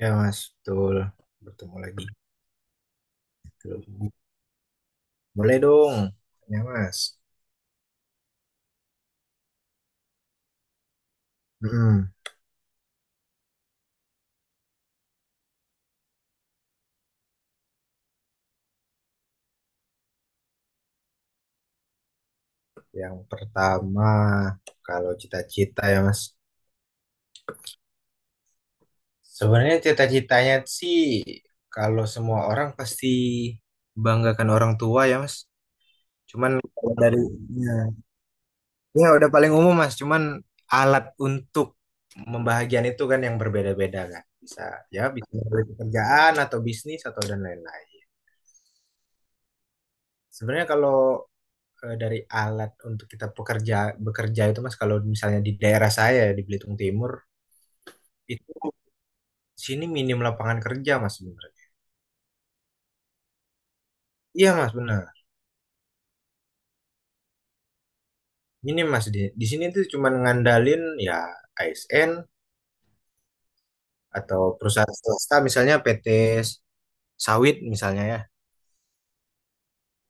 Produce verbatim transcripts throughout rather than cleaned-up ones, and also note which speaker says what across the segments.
Speaker 1: Ya mas, betul. Bertemu lagi. Betul. Boleh dong, ya mas. Mm-mm. Yang pertama, kalau cita-cita ya mas. Sebenarnya cita-citanya sih, kalau semua orang pasti banggakan orang tua ya mas. Cuman kalau dari, ya, ya udah paling umum mas. Cuman alat untuk membahagian itu kan yang berbeda-beda kan. Bisa ya, bisa dari pekerjaan atau bisnis atau dan lain-lain. Sebenarnya kalau eh, dari alat untuk kita pekerja bekerja itu Mas, kalau misalnya di daerah saya di Belitung Timur itu sini minim lapangan kerja Mas sebenarnya. Iya Mas benar. Minim Mas, di, di sini itu cuma ngandalin ya A S N atau perusahaan swasta, misalnya P T sawit misalnya ya.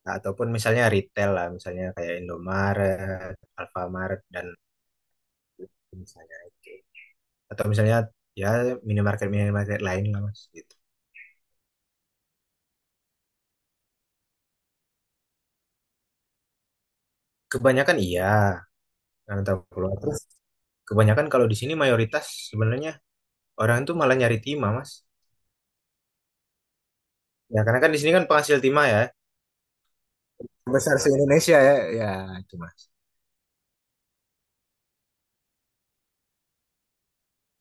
Speaker 1: Nah, ataupun misalnya retail lah, misalnya kayak Indomaret, Alfamart dan misalnya oke. Atau misalnya ya minimarket minimarket lain lah Mas gitu. Kebanyakan iya, karena tahu keluar. Terus kebanyakan kalau di sini mayoritas sebenarnya orang tuh malah nyari timah, Mas. Ya, karena kan di sini kan penghasil timah ya. Besar se-Indonesia ya. Ya, itu Mas.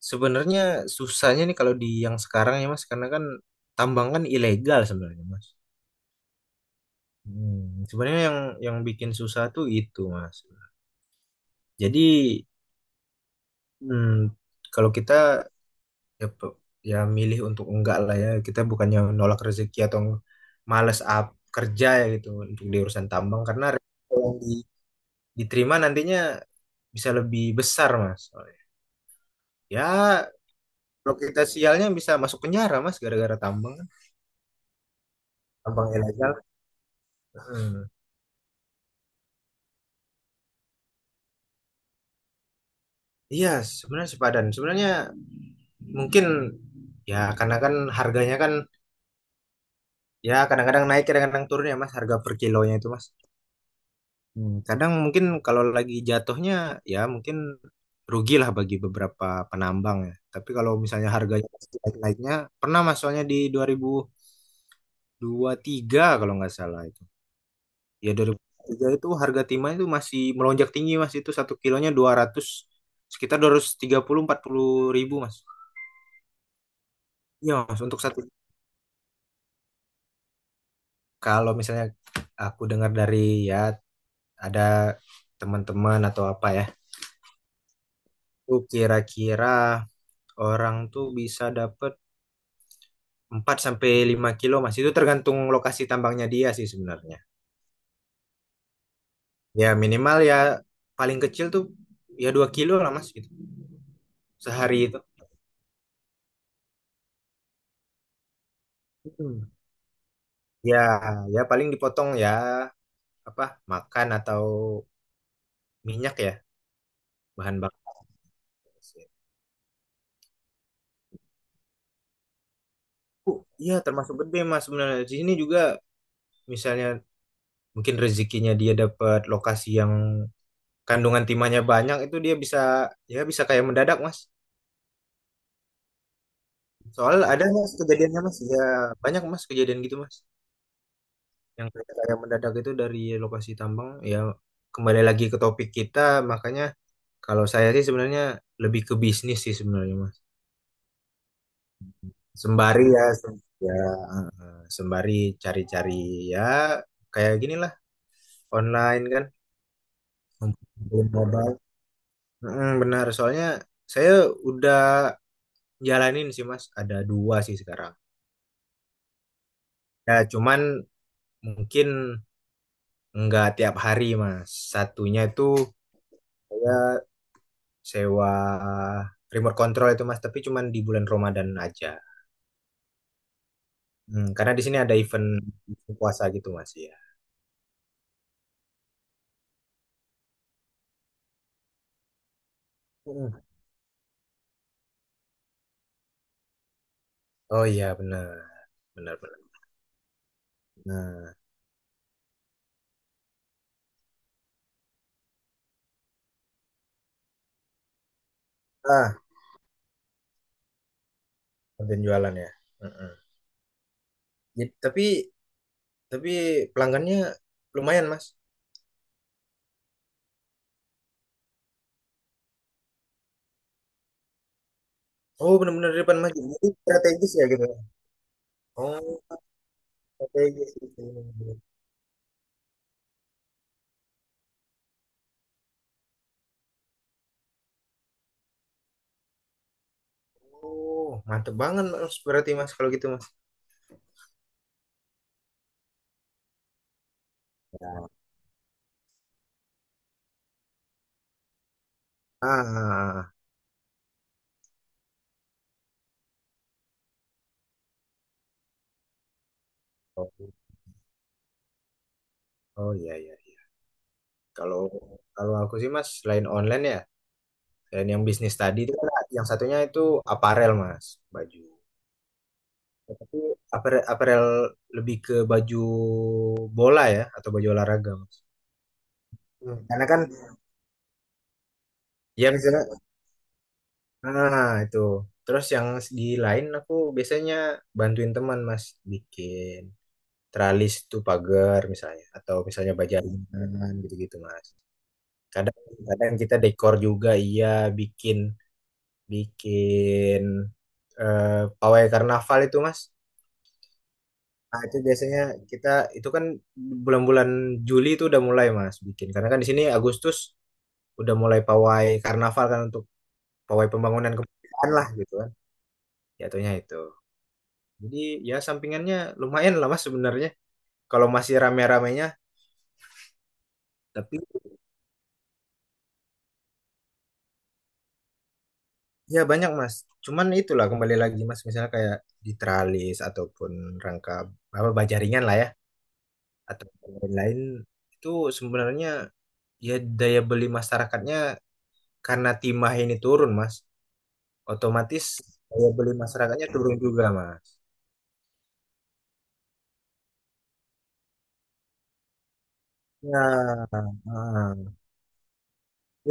Speaker 1: Sebenarnya susahnya nih kalau di yang sekarang ya, Mas, karena kan tambang kan ilegal sebenarnya, Mas. Hmm, sebenarnya yang yang bikin susah tuh itu, Mas. Jadi, hmm, kalau kita ya, pe- ya milih untuk enggak lah ya, kita bukannya nolak rezeki atau males up kerja ya gitu untuk di urusan tambang karena resiko yang di diterima nantinya bisa lebih besar mas. Soalnya, ya kalau kita sialnya bisa masuk penjara mas gara-gara tambang kan. Tambang ilegal. Hmm. Iya sebenarnya sepadan sebenarnya, mungkin ya, karena kan harganya kan ya kadang-kadang naik kadang-kadang turun ya mas, harga per kilonya itu mas. Hmm, kadang mungkin kalau lagi jatuhnya ya mungkin rugilah bagi beberapa penambang ya, tapi kalau misalnya harganya pasti naik-naiknya pernah mas, soalnya di dua ribu dua puluh tiga kalau nggak salah itu. Ya dua ribu tiga itu harga timah itu masih melonjak tinggi mas. Itu satu kilonya dua ratus, sekitar dua ratus tiga puluh empat puluh ribu mas. Iya mas, untuk satu. Kalau misalnya aku dengar dari ya ada teman-teman atau apa ya. Itu kira-kira orang tuh bisa dapat empat sampai lima kilo mas. Itu tergantung lokasi tambangnya dia sih sebenarnya. Ya minimal ya, paling kecil tuh ya dua kilo lah mas gitu. Sehari itu. Hmm. Ya, ya paling dipotong ya apa makan atau minyak ya, bahan bakar mesin. Oh, iya termasuk gede mas sebenarnya, di sini juga misalnya mungkin rezekinya dia dapat lokasi yang kandungan timahnya banyak, itu dia bisa ya bisa kayak mendadak mas. Soal ada mas kejadiannya mas ya, banyak mas kejadian gitu mas yang kayak kayak mendadak itu dari lokasi tambang ya. Kembali lagi ke topik kita, makanya kalau saya sih sebenarnya lebih ke bisnis sih sebenarnya mas. Sembari ya, sem- ya sembari cari-cari ya, kayak ginilah, online kan, belum mobile. Mm, benar, soalnya saya udah jalanin sih mas, ada dua sih sekarang ya, cuman mungkin nggak tiap hari mas satunya itu, saya sewa remote control itu mas, tapi cuman di bulan Ramadan aja. Mm, karena di sini ada event event puasa gitu mas ya. Mm. Oh iya, benar benar benar, nah, ah, konten jualan ya. Mm-mm. Jadi- tapi tapi pelanggannya lumayan mas. Oh benar-benar di depan mas. Jadi strategis ya gitu. Oh strategis gitu. Oh mantep banget mas, berarti mas kalau gitu mas. Ya. Ah, oh, oh iya iya. Iya. Kalau kalau aku sih mas, selain online ya dan yang bisnis tadi itu kan, yang satunya itu aparel mas, baju. Tapi apare- aparel, lebih ke baju bola ya atau baju olahraga mas. Hmm. Karena kan ya misalnya. Nah, itu. Terus yang di lain aku biasanya bantuin teman Mas bikin tralis tuh pagar misalnya, atau misalnya baja ringan gitu-gitu Mas. Kadang kadang kita dekor juga, iya, bikin bikin eh, pawai karnaval itu Mas. Nah, itu biasanya kita itu kan bulan-bulan Juli itu udah mulai Mas bikin, karena kan di sini Agustus udah mulai pawai karnaval kan, untuk pawai pembangunan kemerdekaan lah gitu kan. Jatuhnya itu. Jadi ya sampingannya lumayan lah mas sebenarnya. Kalau masih rame-ramenya, tapi ya banyak mas. Cuman itulah kembali lagi mas, misalnya kayak di tralis ataupun rangka apa baja ringan lah ya, atau lain-lain itu sebenarnya ya daya beli masyarakatnya, karena timah ini turun mas, otomatis daya beli masyarakatnya turun juga mas. Ya, ah.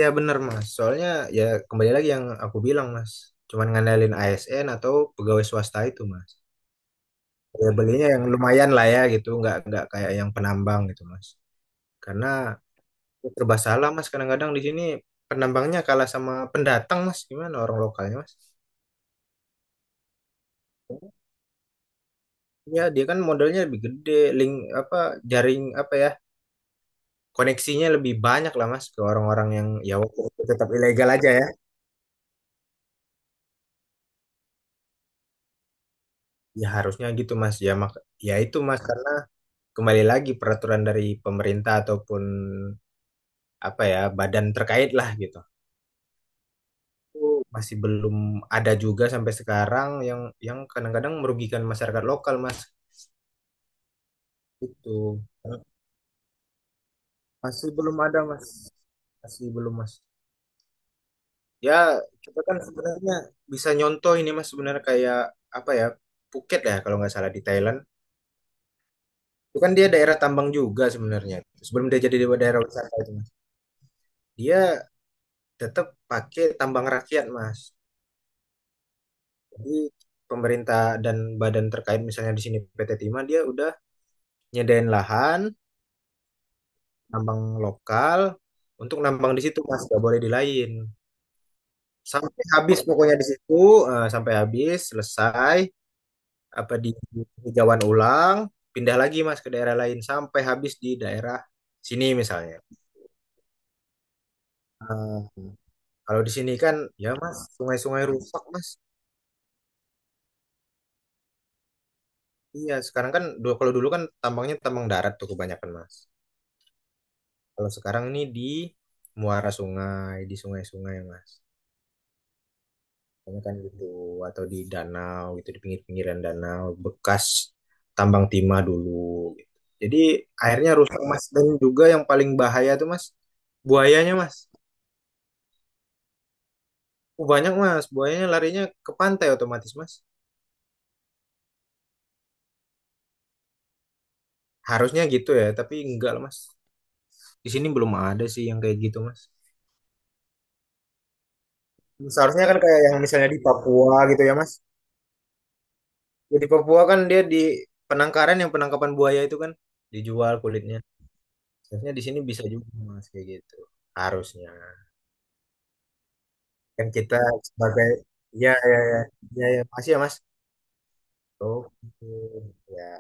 Speaker 1: Ya benar mas. Soalnya ya, kembali lagi yang aku bilang mas, cuman ngandalin A S N atau pegawai swasta itu mas. Ya belinya yang lumayan lah ya gitu, nggak nggak kayak yang penambang gitu Mas. Karena ya serba salah Mas, kadang-kadang di sini penambangnya kalah sama pendatang Mas, gimana orang lokalnya Mas? Ya dia kan modalnya lebih gede, link apa jaring apa ya, koneksinya lebih banyak lah Mas, ke orang-orang yang ya waktu tetap ilegal aja ya. Ya harusnya gitu Mas ya, mak ya itu Mas kan kembali lagi peraturan dari pemerintah ataupun apa ya badan terkait lah gitu. Masih belum ada juga sampai sekarang yang yang kadang-kadang merugikan masyarakat lokal mas itu. Masih belum ada mas, masih belum mas. Ya kita kan sebenarnya bisa nyontoh ini mas sebenarnya, kayak apa ya, Phuket ya kalau nggak salah di Thailand. Itu kan dia daerah tambang juga sebenarnya, sebelum dia jadi daerah wisata itu mas, dia tetap pakai tambang rakyat mas. Jadi pemerintah dan badan terkait, misalnya di sini P T Timah, dia udah nyediain lahan nambang lokal untuk nambang di situ Mas, nggak boleh di lain. Sampai habis pokoknya di situ, eh, sampai habis selesai apa di di ulang, pindah lagi Mas ke daerah lain sampai habis di daerah sini misalnya. Eh, kalau di sini kan ya Mas, sungai-sungai rusak Mas. Iya, sekarang kan dulu kalau dulu kan tambangnya tambang darat tuh kebanyakan Mas. Kalau sekarang ini di muara sungai, di sungai-sungai Mas. Kayaknya kan gitu, atau di danau gitu, di pinggir-pinggiran danau bekas tambang timah dulu gitu. Jadi akhirnya rusak mas, dan juga yang paling bahaya tuh mas, buayanya mas. Oh, banyak mas buayanya, larinya ke pantai otomatis mas. Harusnya gitu ya, tapi enggak lah mas, di sini belum ada sih yang kayak gitu mas. Seharusnya kan kayak yang misalnya di Papua gitu ya mas. Ya, di Papua kan dia di penangkaran yang penangkapan buaya itu kan dijual kulitnya, seharusnya di sini bisa juga mas kayak gitu, harusnya. Kan kita sebagai, ya ya ya ya, ya. Ya, makasih ya Mas. Oke. Ya.